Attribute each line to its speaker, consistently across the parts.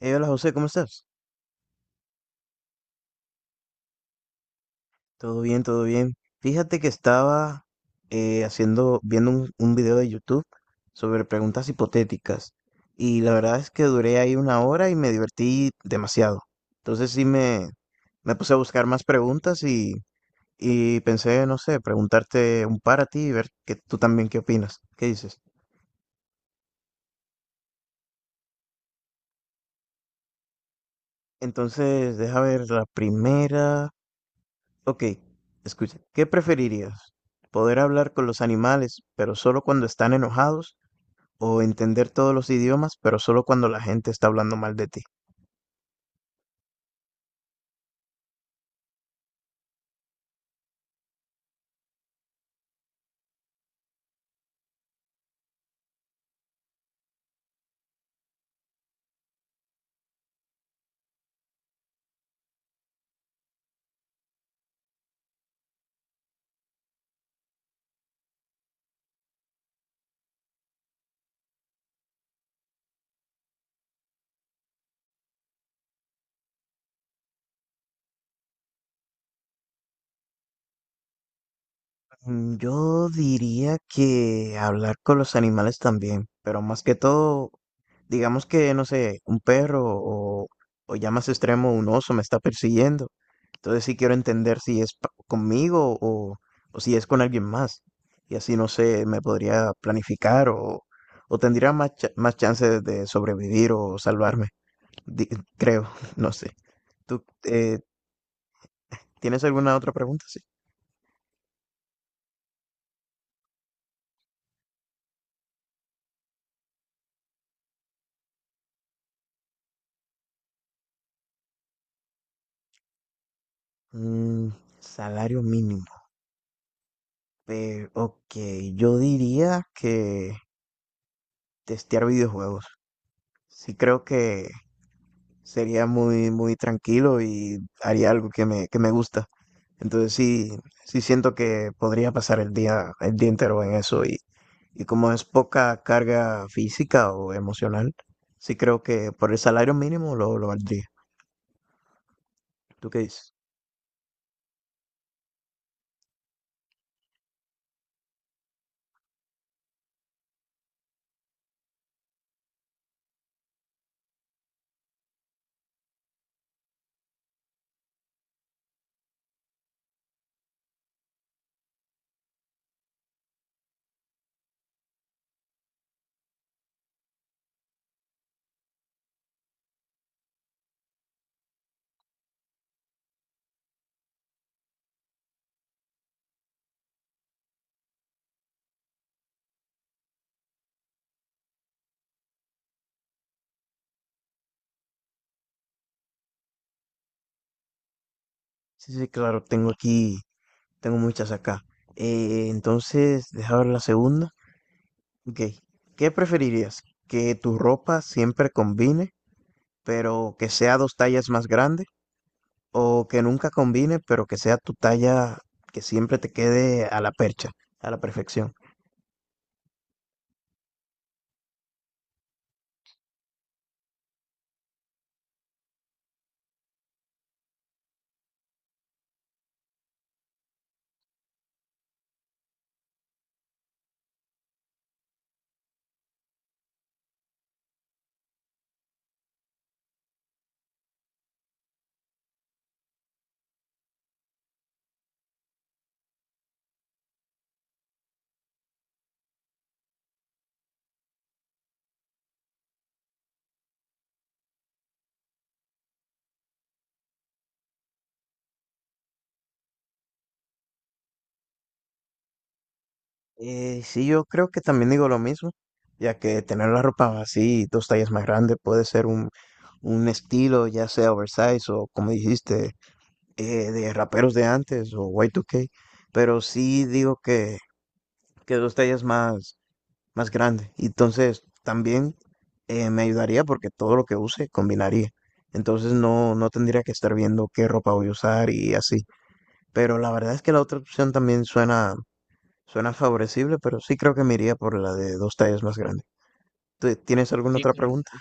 Speaker 1: Hola José, ¿cómo estás? Todo bien, todo bien. Fíjate que estaba viendo un video de YouTube sobre preguntas hipotéticas, y la verdad es que duré ahí una hora y me divertí demasiado. Entonces sí me puse a buscar más preguntas y pensé, no sé, preguntarte un par a ti y ver que tú también qué opinas, qué dices. Entonces, deja ver la primera. Ok, escucha, ¿qué preferirías? ¿Poder hablar con los animales, pero solo cuando están enojados? ¿O entender todos los idiomas, pero solo cuando la gente está hablando mal de ti? Yo diría que hablar con los animales también, pero más que todo, digamos que, no sé, un perro o ya más extremo, un oso me está persiguiendo. Entonces sí quiero entender si es conmigo o si es con alguien más. Y así, no sé, me podría planificar o tendría más chances de sobrevivir o salvarme, di- creo, no sé. ¿Tú tienes alguna otra pregunta? Sí. Mm, Salario mínimo. Pero, ok, yo diría que testear videojuegos. Sí creo que sería muy, muy tranquilo y haría algo que me gusta. Entonces sí, sí siento que podría pasar el día entero en eso y como es poca carga física o emocional, sí creo que por el salario mínimo lo valdría. ¿Tú qué dices? Sí, sí, claro, tengo aquí, tengo muchas acá. Entonces, deja ver la segunda. Ok, ¿qué preferirías? ¿Que tu ropa siempre combine, pero que sea dos tallas más grande? ¿O que nunca combine, pero que sea tu talla, que siempre te quede a la percha, a la perfección? Sí, yo creo que también digo lo mismo, ya que tener la ropa así, dos tallas más grande, puede ser un estilo, ya sea oversize o como dijiste, eh, de raperos de antes o Y2K, pero sí digo que dos tallas más grande. Y entonces también me ayudaría porque todo lo que use combinaría. Entonces no tendría que estar viendo qué ropa voy a usar y así. Pero la verdad es que la otra opción también suena favorecible, pero sí creo que me iría por la de dos tallas más grande. ¿Tú? ¿Tienes alguna? Sí, otra, claro. ¿Pregunta?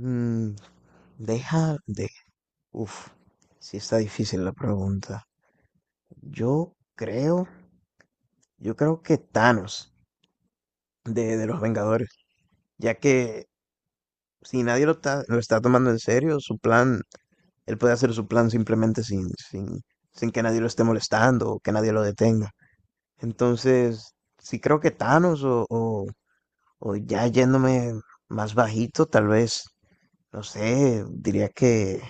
Speaker 1: Mm, Deja de. Uf, sí está difícil la pregunta. Yo creo, yo creo que Thanos de los Vengadores, ya que si nadie lo está tomando en serio, su plan, él puede hacer su plan simplemente sin que nadie lo esté molestando o que nadie lo detenga. Entonces, sí creo que Thanos o ya yéndome más bajito, tal vez, no sé, diría que,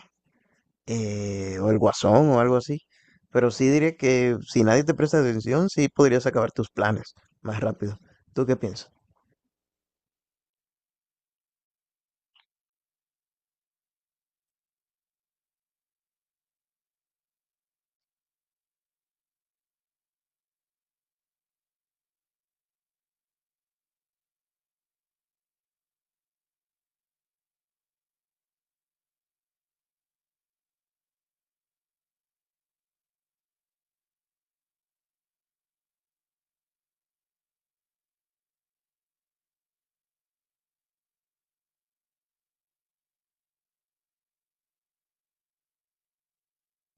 Speaker 1: o el Guasón o algo así. Pero sí diría que si nadie te presta atención, sí podrías acabar tus planes más rápido. ¿Tú qué piensas?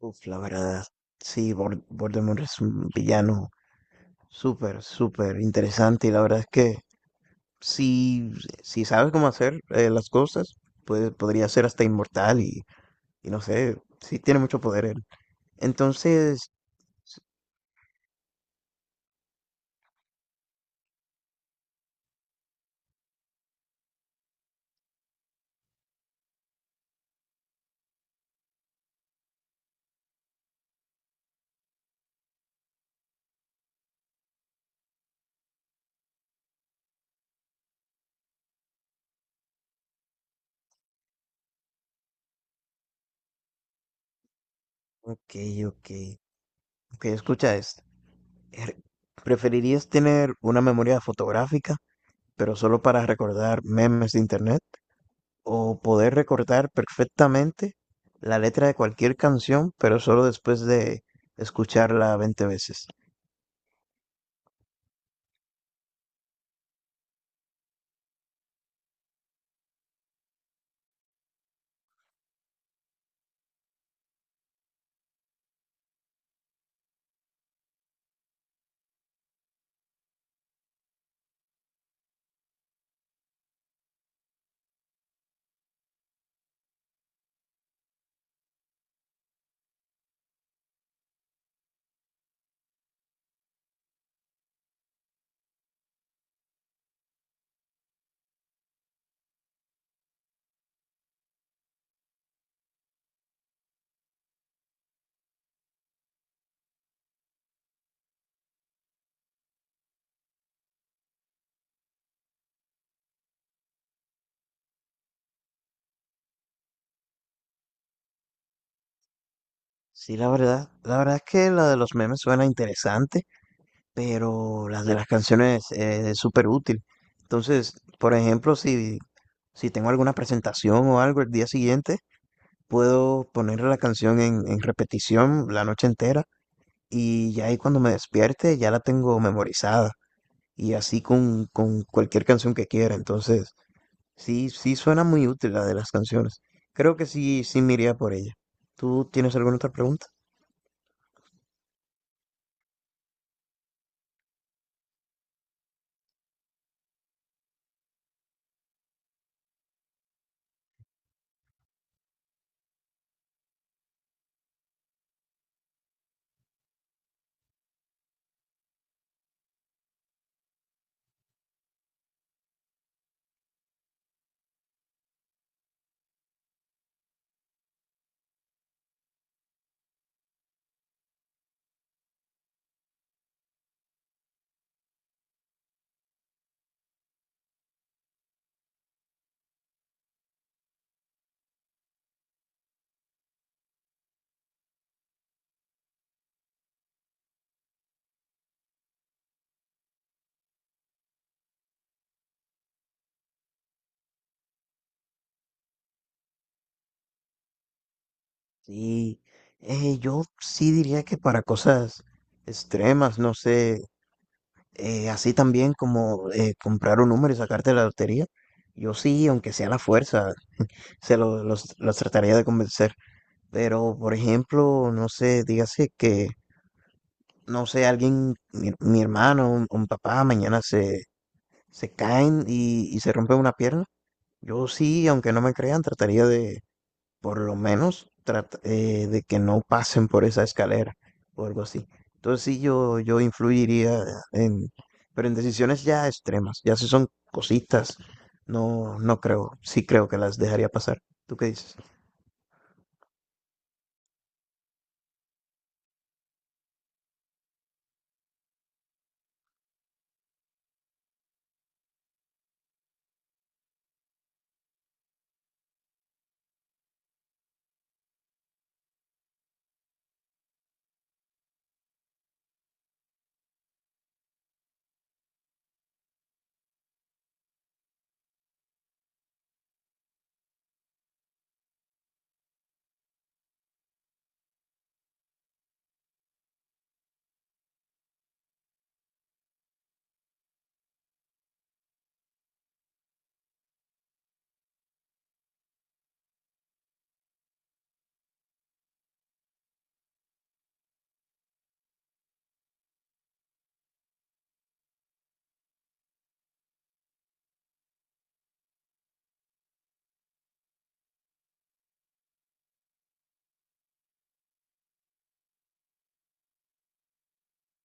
Speaker 1: Uf, la verdad, sí, Voldemort es un villano súper, súper interesante. Y la verdad es que si, si sabes cómo hacer las cosas, pues podría ser hasta inmortal y no sé, sí tiene mucho poder él. Entonces, ok, ok, ok, escucha esto. Er, ¿Preferirías tener una memoria fotográfica, pero solo para recordar memes de internet? ¿O poder recordar perfectamente la letra de cualquier canción, pero solo después de escucharla 20 veces? Sí, la verdad es que la de los memes suena interesante, pero la de las canciones es súper útil. Entonces, por ejemplo, si tengo alguna presentación o algo el día siguiente, puedo poner la canción en repetición la noche entera, y ya ahí cuando me despierte ya la tengo memorizada y así con cualquier canción que quiera. Entonces, sí, sí suena muy útil la de las canciones. Creo que sí, sí me iría por ella. ¿Tú tienes alguna otra pregunta? Sí, yo sí diría que para cosas extremas, no sé, así también como comprar un número y sacarte la lotería, yo sí, aunque sea a la fuerza, los trataría de convencer. Pero, por ejemplo, no sé, dígase que, no sé, alguien, mi hermano, un papá, mañana se caen y se rompe una pierna. Yo sí, aunque no me crean, trataría por lo menos de que no pasen por esa escalera o algo así. Entonces sí, yo influiría en, pero en decisiones ya extremas, ya si son cositas, no creo, sí creo que las dejaría pasar. ¿Tú qué dices?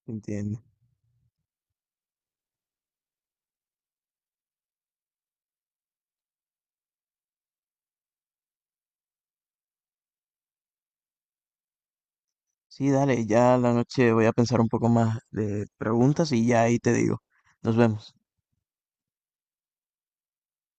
Speaker 1: Entiendo. Sí, dale, ya la noche voy a pensar un poco más de preguntas y ya ahí te digo. Nos vemos.